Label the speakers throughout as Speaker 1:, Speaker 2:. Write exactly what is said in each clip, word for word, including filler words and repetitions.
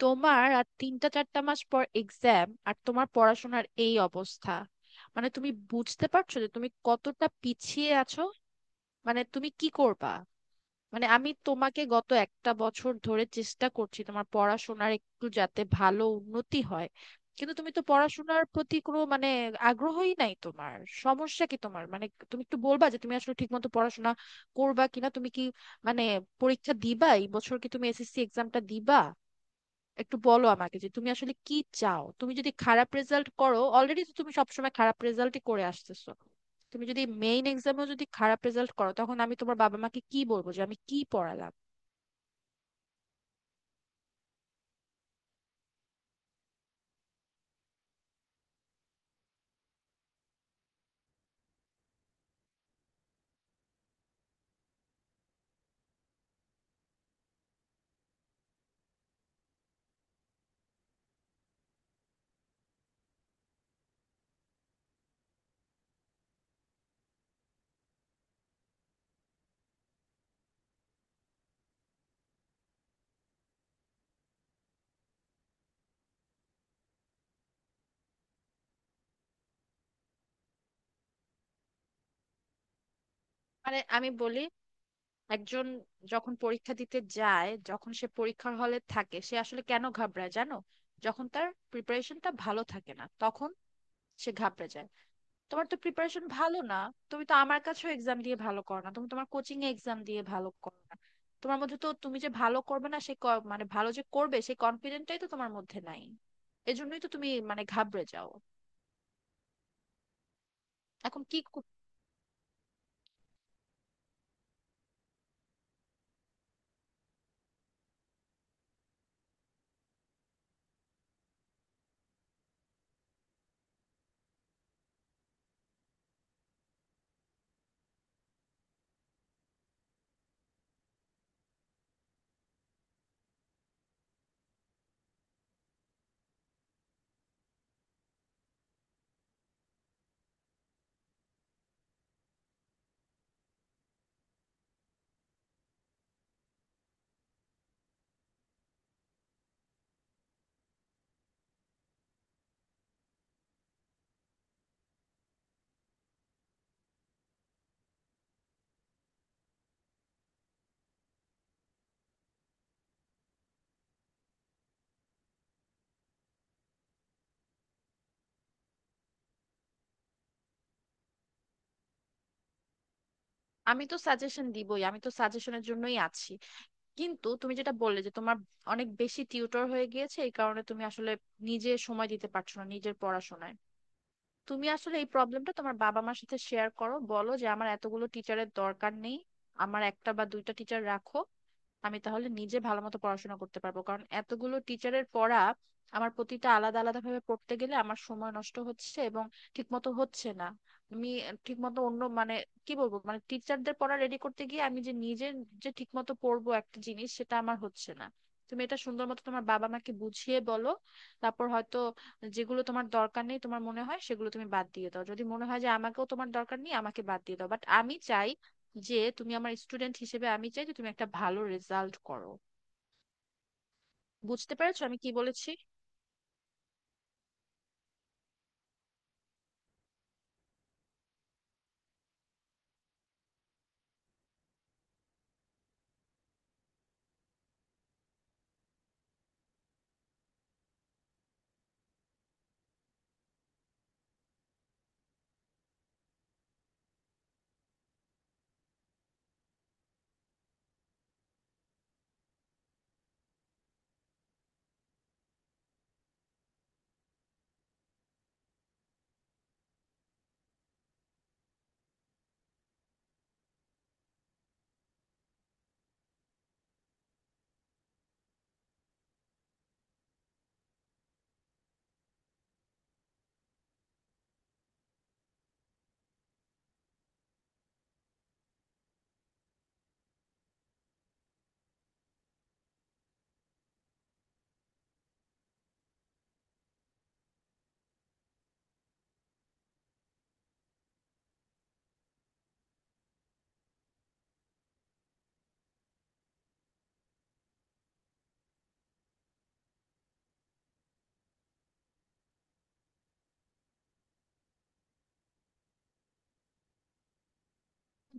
Speaker 1: তোমার আর তিনটা চারটা মাস পর এক্সাম, আর তোমার পড়াশোনার এই অবস্থা! মানে তুমি বুঝতে পারছো যে তুমি কতটা পিছিয়ে আছো? মানে তুমি কি করবা? মানে আমি তোমাকে গত একটা বছর ধরে চেষ্টা করছি তোমার পড়াশোনার একটু যাতে ভালো উন্নতি হয়, কিন্তু তুমি তো পড়াশোনার প্রতি কোনো মানে আগ্রহই নাই। তোমার সমস্যা কি? তোমার মানে তুমি একটু বলবা যে তুমি আসলে ঠিকমতো পড়াশোনা করবা কিনা? তুমি কি মানে পরীক্ষা দিবা এই বছর? কি তুমি এসএসসি এক্সামটা দিবা? একটু বলো আমাকে যে তুমি আসলে কি চাও। তুমি যদি খারাপ রেজাল্ট করো, অলরেডি তো তুমি সবসময় খারাপ রেজাল্টই করে আসতেছো, তুমি যদি মেইন এক্সামেও যদি খারাপ রেজাল্ট করো, তখন আমি তোমার বাবা মাকে কি বলবো? যে আমি কি পড়ালাম? মানে আমি বলি, একজন যখন পরীক্ষা দিতে যায়, যখন সে পরীক্ষার হলে থাকে, সে আসলে কেন ঘাবড়ায় জানো? যখন তার প্রিপারেশনটা ভালো থাকে না, তখন সে ঘাবড়ে যায়। তোমার তো প্রিপারেশন ভালো না। তুমি তো আমার কাছেও এক্সাম দিয়ে ভালো করো না, তুমি তোমার কোচিং এ এক্সাম দিয়ে ভালো করো না। তোমার মধ্যে তো তুমি যে ভালো করবে না, সেই ক- মানে ভালো যে করবে সেই কনফিডেন্টটাই তো তোমার মধ্যে নাই। এজন্যই তো তুমি মানে ঘাবড়ে যাও। এখন কি কু- আমি তো সাজেশন দিবই, আমি তো সাজেশনের জন্যই আছি। কিন্তু তুমি যেটা বললে যে তোমার অনেক বেশি টিউটর হয়ে গিয়েছে, এই কারণে তুমি আসলে নিজে সময় দিতে পারছো না নিজের পড়াশোনায়। তুমি আসলে এই প্রবলেমটা তোমার বাবা মার সাথে শেয়ার করো, বলো যে আমার এতগুলো টিচারের দরকার নেই। আমার একটা বা দুইটা টিচার রাখো, আমি তাহলে নিজে ভালো মতো পড়াশোনা করতে পারবো। কারণ এতগুলো টিচারের পড়া আমার প্রতিটা আলাদা আলাদা ভাবে পড়তে গেলে আমার সময় নষ্ট হচ্ছে এবং ঠিক মতো হচ্ছে না। আমি ঠিক মতো অন্য মানে কি বলবো, মানে টিচারদের পড়া রেডি করতে গিয়ে আমি যে নিজে যে ঠিক মতো পড়বো একটা জিনিস, সেটা আমার হচ্ছে না। তুমি এটা সুন্দর মতো তোমার বাবা মাকে বুঝিয়ে বলো। তারপর হয়তো যেগুলো তোমার দরকার নেই তোমার মনে হয়, সেগুলো তুমি বাদ দিয়ে দাও। যদি মনে হয় যে আমাকেও তোমার দরকার নেই, আমাকে বাদ দিয়ে দাও। বাট আমি চাই যে তুমি আমার স্টুডেন্ট হিসেবে, আমি চাই যে তুমি একটা ভালো রেজাল্ট করো। বুঝতে পেরেছো আমি কি বলেছি?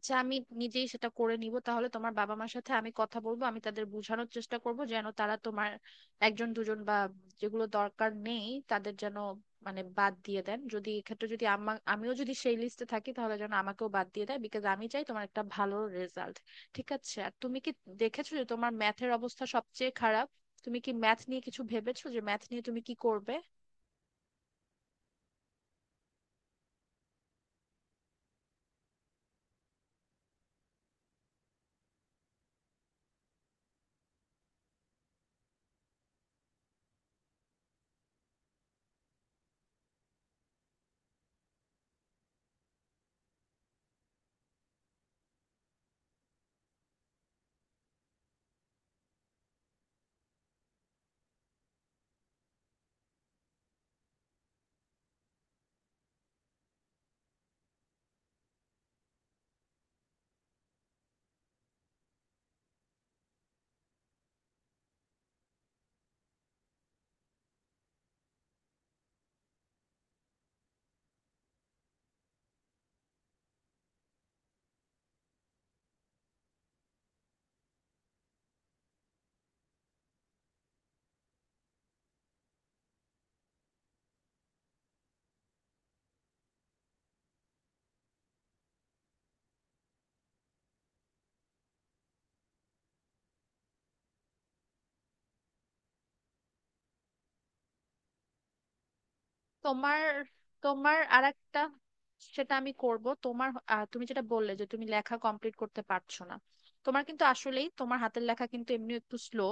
Speaker 1: যে আমি নিজেই সেটা করে নিব। তাহলে তোমার বাবা মার সাথে আমি কথা বলবো, আমি তাদের বোঝানোর চেষ্টা করব যেন তারা তোমার একজন দুজন বা যেগুলো দরকার নেই তাদের যেন মানে বাদ দিয়ে দেন। যদি এক্ষেত্রে যদি আমা আমিও যদি সেই লিস্টে থাকি, তাহলে যেন আমাকেও বাদ দিয়ে দেয়। বিকজ আমি চাই তোমার একটা ভালো রেজাল্ট। ঠিক আছে, আর তুমি কি দেখেছো যে তোমার ম্যাথের অবস্থা সবচেয়ে খারাপ? তুমি কি ম্যাথ নিয়ে কিছু ভেবেছো যে ম্যাথ নিয়ে তুমি কি করবে? তোমার তোমার আরেকটা সেটা আমি করব। তোমার আহ, তুমি যেটা বললে যে তুমি লেখা কমপ্লিট করতে পারছো না, তোমার কিন্তু আসলেই তোমার হাতের লেখা কিন্তু এমনি একটু স্লো।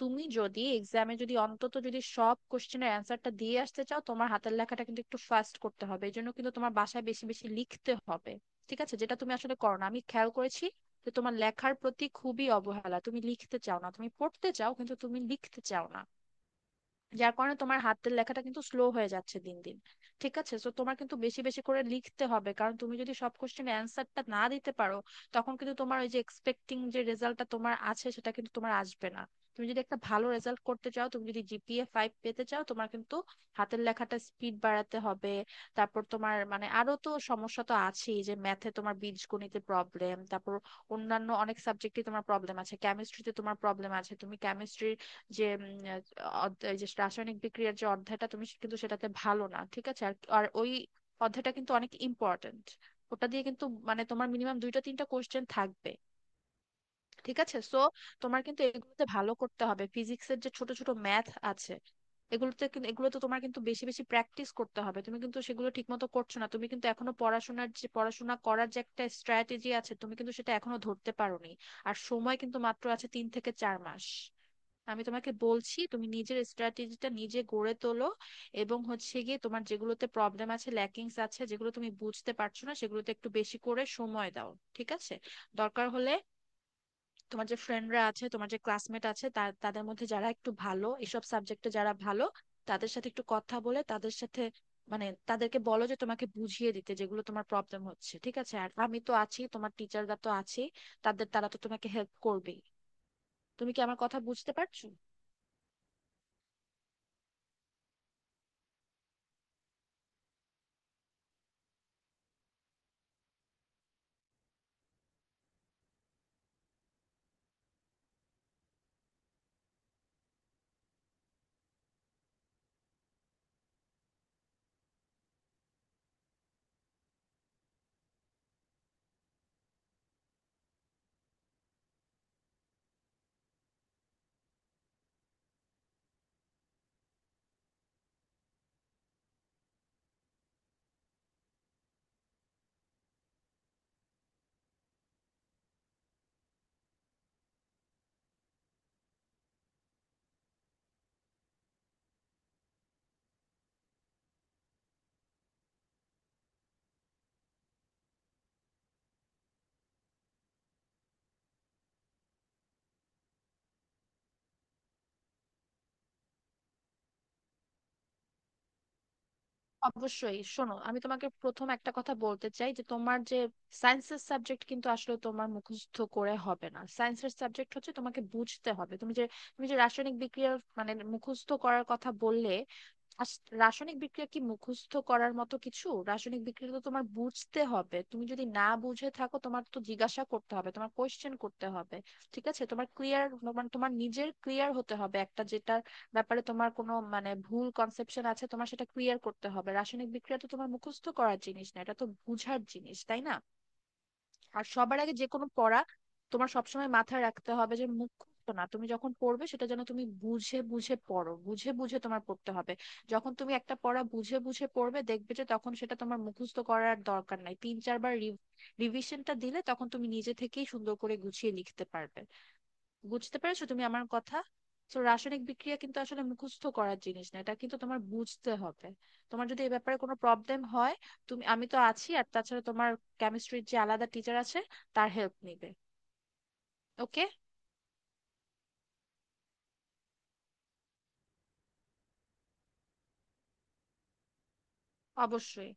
Speaker 1: তুমি যদি এক্সামে যদি অন্তত যদি সব কোশ্চেনের অ্যান্সারটা দিয়ে আসতে চাও, তোমার হাতের লেখাটা কিন্তু একটু ফাস্ট করতে হবে। এই জন্য কিন্তু তোমার বাসায় বেশি বেশি লিখতে হবে। ঠিক আছে, যেটা তুমি আসলে করো না, আমি খেয়াল করেছি যে তোমার লেখার প্রতি খুবই অবহেলা। তুমি লিখতে চাও না, তুমি পড়তে চাও কিন্তু তুমি লিখতে চাও না। যার কারণে তোমার হাতের লেখাটা কিন্তু স্লো হয়ে যাচ্ছে দিন দিন। ঠিক আছে, তো তোমার কিন্তু বেশি বেশি করে লিখতে হবে, কারণ তুমি যদি সব কোশ্চেনের অ্যান্সারটা না দিতে পারো, তখন কিন্তু তোমার ওই যে এক্সপেক্টিং যে রেজাল্টটা তোমার আছে, সেটা কিন্তু তোমার আসবে না। তুমি যদি একটা ভালো রেজাল্ট করতে চাও, তুমি যদি জিপিএ ফাইভ পেতে চাও, তোমার কিন্তু হাতের লেখাটা স্পিড বাড়াতে হবে। তারপর তোমার মানে আরো তো সমস্যা তো আছেই, যে ম্যাথে তোমার বীজগণিতে প্রবলেম, তারপর অন্যান্য অনেক সাবজেক্টে তোমার প্রবলেম আছে। কেমিস্ট্রিতে তোমার প্রবলেম আছে, তুমি কেমিস্ট্রি যে উম, আহ, অধ্যায়- যে রাসায়নিক বিক্রিয়ার যে অধ্যায়টা, তুমি কিন্তু সেটাতে ভালো না। ঠিক আছে, আর আর ওই অধ্যায়টা কিন্তু অনেক ইম্পর্ট্যান্ট। ওটা দিয়ে কিন্তু মানে তোমার মিনিমাম দুইটা তিনটা কোশ্চেন থাকবে। ঠিক আছে, সো তোমার কিন্তু এগুলোতে ভালো করতে হবে। ফিজিক্সের যে ছোট ছোট ম্যাথ আছে, এগুলোতে কিন্তু এগুলোতে তোমার কিন্তু বেশি বেশি প্র্যাকটিস করতে হবে। তুমি কিন্তু সেগুলো ঠিক মতো করছো না। তুমি কিন্তু এখনো পড়াশোনার যে পড়াশোনা করার যে একটা স্ট্র্যাটেজি আছে, তুমি কিন্তু সেটা এখনো ধরতে পারোনি। আর সময় কিন্তু মাত্র আছে তিন থেকে চার মাস। আমি তোমাকে বলছি, তুমি নিজের স্ট্র্যাটেজিটা নিজে গড়ে তোলো। এবং হচ্ছে গিয়ে তোমার যেগুলোতে প্রবলেম আছে, ল্যাকিংস আছে, যেগুলো তুমি বুঝতে পারছো না, সেগুলোতে একটু বেশি করে সময় দাও। ঠিক আছে, দরকার হলে তোমার যে ফ্রেন্ডরা আছে, তোমার যে ক্লাসমেট আছে, তা- তাদের মধ্যে যারা একটু ভালো, এসব সাবজেক্টে যারা ভালো, তাদের সাথে একটু কথা বলে, তাদের সাথে মানে তাদেরকে বলো যে তোমাকে বুঝিয়ে দিতে যেগুলো তোমার প্রবলেম হচ্ছে। ঠিক আছে, আর আমি তো আছি, তোমার টিচাররা তো আছেই, তাদের তারা তো তোমাকে হেল্প করবেই। তুমি কি আমার কথা বুঝতে পারছো? অবশ্যই শোনো, আমি তোমাকে প্রথম একটা কথা বলতে চাই যে তোমার যে সায়েন্সের সাবজেক্ট কিন্তু আসলে তোমার মুখস্থ করে হবে না। সায়েন্সের সাবজেক্ট হচ্ছে তোমাকে বুঝতে হবে। তুমি যে তুমি যে রাসায়নিক বিক্রিয়া মানে মুখস্থ করার কথা বললে, আস- রাসায়নিক বিক্রিয়া কি মুখস্থ করার মতো কিছু? রাসায়নিক বিক্রিয়া তো তোমার বুঝতে হবে। তুমি যদি না বুঝে থাকো, তোমার তো জিজ্ঞাসা করতে হবে, তোমার কোয়েশ্চেন করতে হবে। ঠিক আছে? তোমার ক্লিয়ার মানে তোমার নিজের ক্লিয়ার হতে হবে একটা যেটা ব্যাপারে তোমার কোনো মানে ভুল কনসেপশন আছে, তোমার সেটা ক্লিয়ার করতে হবে। রাসায়নিক বিক্রিয়া তো তোমার মুখস্থ করার জিনিস না, এটা তো বুঝার জিনিস, তাই না? আর সবার আগে যে কোনো পড়া তোমার সবসময় মাথায় রাখতে হবে যে মুখস্থ না। তুমি যখন পড়বে, সেটা যেন তুমি বুঝে বুঝে পড়ো, বুঝে বুঝে তোমার পড়তে হবে। যখন তুমি একটা পড়া বুঝে বুঝে পড়বে, দেখবে যে তখন সেটা তোমার মুখস্থ করার দরকার নাই। তিন চারবার রিভিশনটা দিলে তখন তুমি নিজে থেকেই সুন্দর করে গুছিয়ে লিখতে পারবে। বুঝতে পেরেছো তুমি আমার কথা? তো রাসায়নিক বিক্রিয়া কিন্তু আসলে মুখস্থ করার জিনিস না, এটা কিন্তু তোমার বুঝতে হবে। তোমার যদি এই ব্যাপারে কোনো প্রবলেম হয়, তুমি আমি তো আছি, আর তাছাড়া তোমার কেমিস্ট্রির যে আলাদা টিচার আছে, তার হেল্প নিবে। ওকে? অবশ্যই।